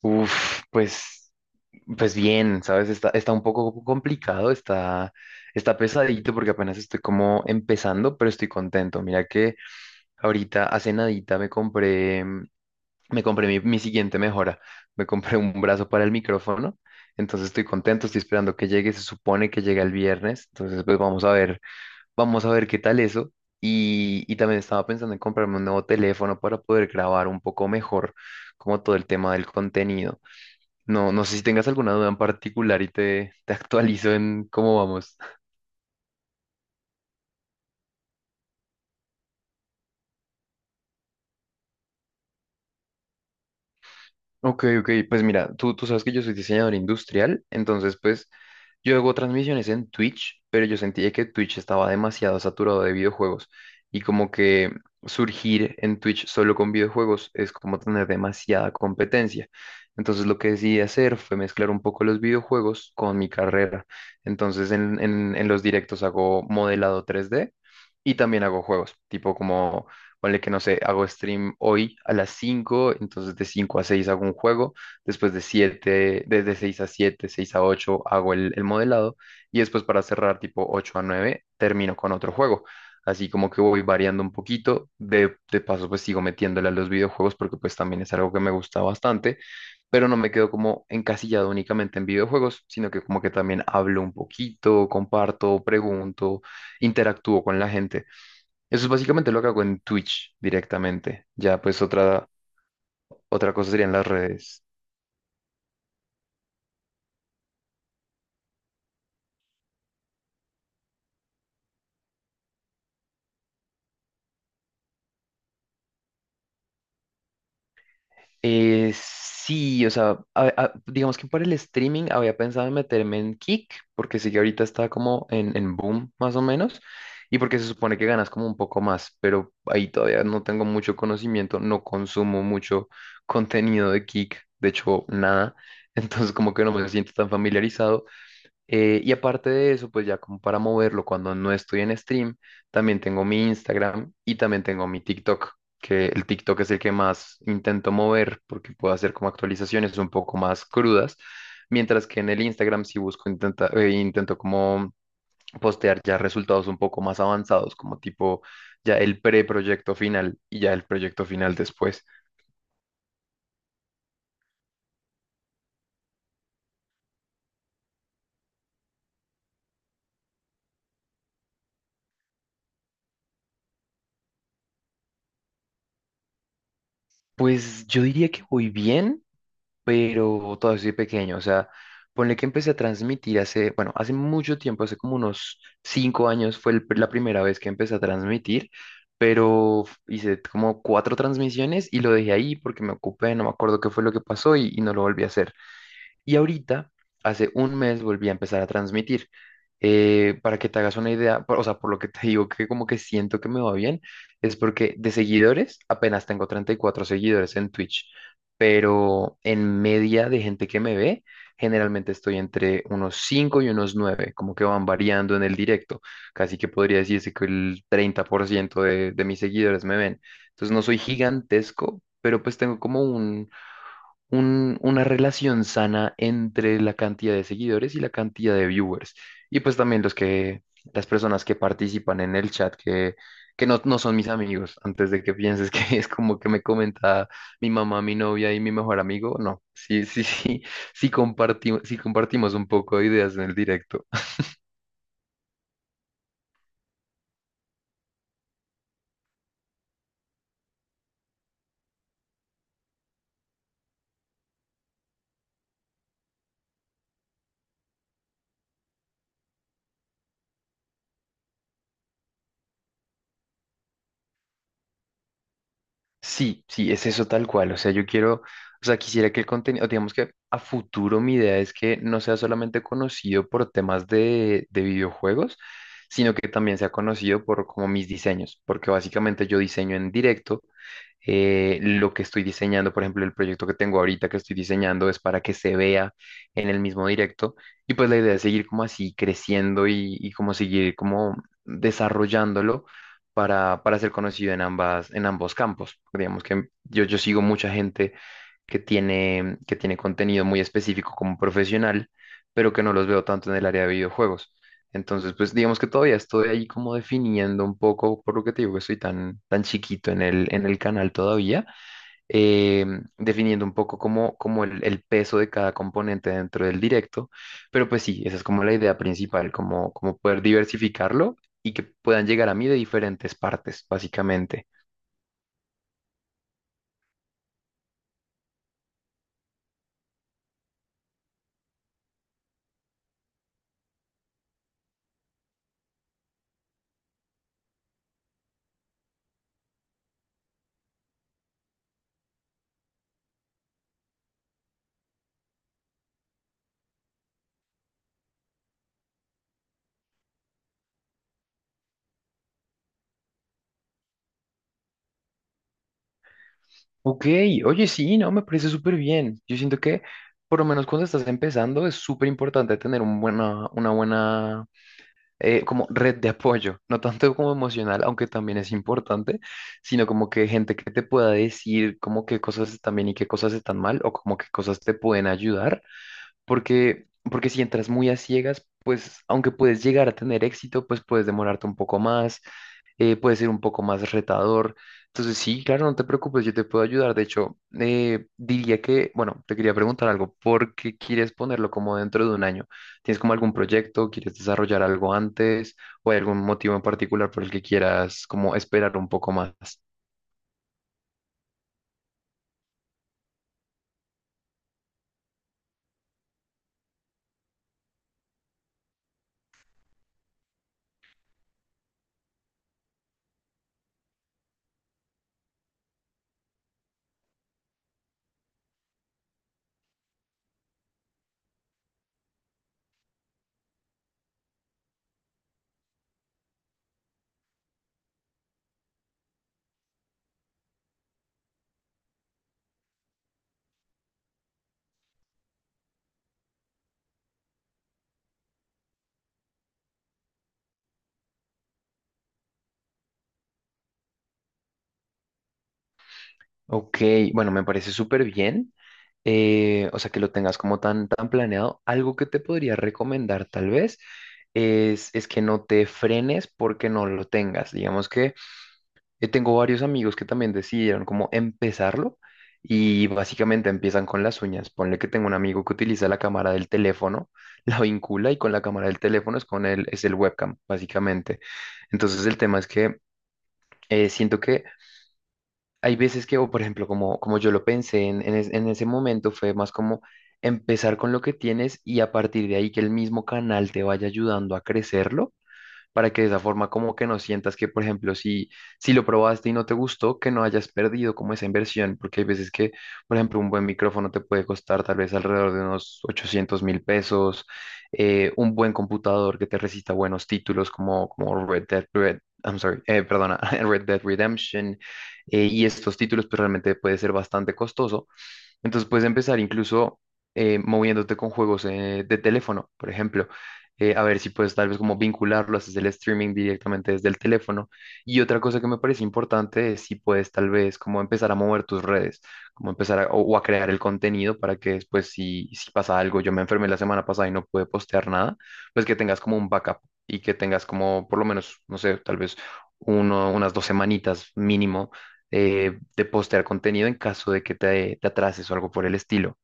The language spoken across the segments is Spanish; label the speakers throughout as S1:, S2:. S1: Uf, pues bien, ¿sabes? Está un poco complicado, está pesadito porque apenas estoy como empezando, pero estoy contento. Mira que ahorita hace nadita me compré mi siguiente mejora. Me compré un brazo para el micrófono, entonces estoy contento, estoy esperando que llegue, se supone que llega el viernes, entonces pues vamos a ver qué tal eso. Y también estaba pensando en comprarme un nuevo teléfono para poder grabar un poco mejor, como todo el tema del contenido. No sé si tengas alguna duda en particular y te actualizo en cómo vamos. Ok, ok, pues mira, tú sabes que yo soy diseñador industrial, entonces pues yo hago transmisiones en Twitch, pero yo sentía que Twitch estaba demasiado saturado de videojuegos y como que surgir en Twitch solo con videojuegos es como tener demasiada competencia. Entonces lo que decidí hacer fue mezclar un poco los videojuegos con mi carrera. Entonces en los directos hago modelado 3D y también hago juegos, tipo como, ponle que no sé, hago stream hoy a las cinco, entonces de 5 a 6 hago un juego, después de siete, desde 6 a siete, 6 a 8 hago el modelado, y después para cerrar tipo 8 a 9 termino con otro juego. Así como que voy variando un poquito, de paso pues sigo metiéndole a los videojuegos porque pues también es algo que me gusta bastante, pero no me quedo como encasillado únicamente en videojuegos, sino que como que también hablo un poquito, comparto, pregunto, interactúo con la gente. Eso es básicamente lo que hago en Twitch directamente. Ya, pues otra cosa serían las redes. Sí, o sea, digamos que por el streaming había pensado en meterme en Kick, porque sí que ahorita está como en boom, más o menos, y porque se supone que ganas como un poco más, pero ahí todavía no tengo mucho conocimiento, no consumo mucho contenido de Kick, de hecho, nada. Entonces, como que no me siento tan familiarizado. Y aparte de eso, pues ya como para moverlo cuando no estoy en stream, también tengo mi Instagram y también tengo mi TikTok, que el TikTok es el que más intento mover porque puedo hacer como actualizaciones un poco más crudas, mientras que en el Instagram sí busco, intento como postear ya resultados un poco más avanzados, como tipo ya el preproyecto final y ya el proyecto final después. Pues yo diría que voy bien, pero todavía soy pequeño, o sea, ponle que empecé a transmitir hace, bueno, hace mucho tiempo, hace como unos 5 años fue la primera vez que empecé a transmitir, pero hice como cuatro transmisiones y lo dejé ahí porque me ocupé, no me acuerdo qué fue lo que pasó y no lo volví a hacer. Y ahorita, hace un mes, volví a empezar a transmitir. Para que te hagas una idea, o sea, por lo que te digo que como que siento que me va bien, es porque de seguidores apenas tengo 34 seguidores en Twitch, pero en media de gente que me ve, generalmente estoy entre unos 5 y unos nueve, como que van variando en el directo. Casi que podría decirse que el 30% de mis seguidores me ven. Entonces no soy gigantesco, pero pues tengo como una relación sana entre la cantidad de seguidores y la cantidad de viewers. Y pues también los que, las personas que participan en el chat, que no, no son mis amigos, antes de que pienses que es como que me comenta mi mamá, mi novia y mi mejor amigo. No, sí, sí, sí, sí compartimos un poco de ideas en el directo. Sí, sí, es eso tal cual. O sea, yo quiero, o sea, quisiera que el contenido, digamos que a futuro mi idea es que no sea solamente conocido por temas de videojuegos, sino que también sea conocido por como mis diseños, porque básicamente yo diseño en directo, lo que estoy diseñando, por ejemplo, el proyecto que tengo ahorita que estoy diseñando, es para que se vea en el mismo directo, y pues la idea es seguir como así creciendo y como seguir como desarrollándolo para ser conocido en ambas, en ambos campos. Digamos que yo sigo mucha gente que tiene contenido muy específico como profesional, pero que no los veo tanto en el área de videojuegos. Entonces, pues digamos que todavía estoy ahí como definiendo un poco, por lo que te digo que estoy tan, tan chiquito en el canal todavía. eh, Definiendo un poco como, como el peso de cada componente dentro del directo, pero pues sí, esa es como la idea principal, como, como poder diversificarlo y que puedan llegar a mí de diferentes partes, básicamente. Ok, oye, sí, no, me parece súper bien. Yo siento que, por lo menos cuando estás empezando, es súper importante tener una buena, como red de apoyo, no tanto como emocional, aunque también es importante, sino como que gente que te pueda decir como qué cosas están bien y qué cosas están mal, o como qué cosas te pueden ayudar, porque si entras muy a ciegas, pues aunque puedes llegar a tener éxito, pues puedes demorarte un poco más. Puede ser un poco más retador. Entonces, sí, claro, no te preocupes, yo te puedo ayudar. De hecho, diría que, bueno, te quería preguntar algo, ¿por qué quieres ponerlo como dentro de un año? ¿Tienes como algún proyecto? ¿Quieres desarrollar algo antes? ¿O hay algún motivo en particular por el que quieras como esperar un poco más? Ok, bueno, me parece súper bien. O sea, que lo tengas como tan, tan planeado. Algo que te podría recomendar tal vez es que no te frenes porque no lo tengas. Digamos que, tengo varios amigos que también decidieron como empezarlo y básicamente empiezan con las uñas. Ponle que tengo un amigo que utiliza la cámara del teléfono, la vincula y con la cámara del teléfono es con es el webcam, básicamente. Entonces el tema es que, siento que hay veces que, o por ejemplo, como yo lo pensé en ese momento, fue más como empezar con lo que tienes y a partir de ahí que el mismo canal te vaya ayudando a crecerlo para que de esa forma como que no sientas que, por ejemplo, si lo probaste y no te gustó, que no hayas perdido como esa inversión, porque hay veces que, por ejemplo, un buen micrófono te puede costar tal vez alrededor de unos 800.000 pesos. Un buen computador que te resista buenos títulos como Red Dead, Red, I'm sorry, perdona, Red Dead Redemption, y estos títulos pues realmente puede ser bastante costoso, entonces puedes empezar incluso, moviéndote con juegos, de teléfono, por ejemplo. A ver si puedes tal vez como vincularlo, haces el streaming directamente desde el teléfono. Y otra cosa que me parece importante es si puedes tal vez como empezar a mover tus redes, como empezar o a crear el contenido, para que después, si pasa algo, yo me enfermé la semana pasada y no pude postear nada, pues que tengas como un backup y que tengas como por lo menos, no sé, tal vez unas 2 semanitas mínimo, de postear contenido en caso de que te atrases o algo por el estilo.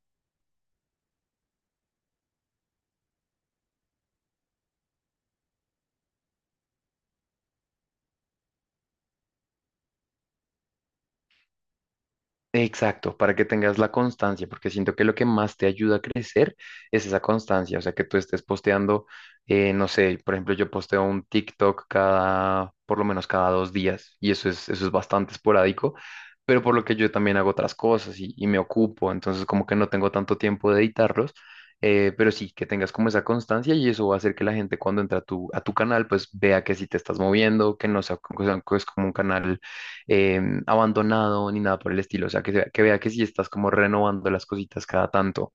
S1: Exacto, para que tengas la constancia, porque siento que lo que más te ayuda a crecer es esa constancia, o sea, que tú estés posteando. No sé, por ejemplo, yo posteo un TikTok cada, por lo menos cada 2 días, y eso es bastante esporádico, pero por lo que yo también hago otras cosas y me ocupo, entonces como que no tengo tanto tiempo de editarlos. Pero sí, que tengas como esa constancia y eso va a hacer que la gente, cuando entra a tu canal, pues vea que sí te estás moviendo, que no sea, que sea- que es como un canal, eh, abandonado ni nada por el estilo. O sea, que vea que sí estás como renovando las cositas cada tanto.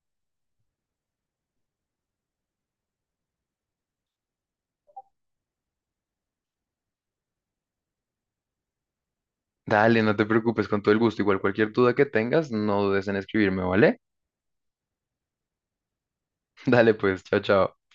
S1: Dale, no te preocupes, con todo el gusto. Igual cualquier duda que tengas, no dudes en escribirme, ¿vale? Dale pues, chao, chao.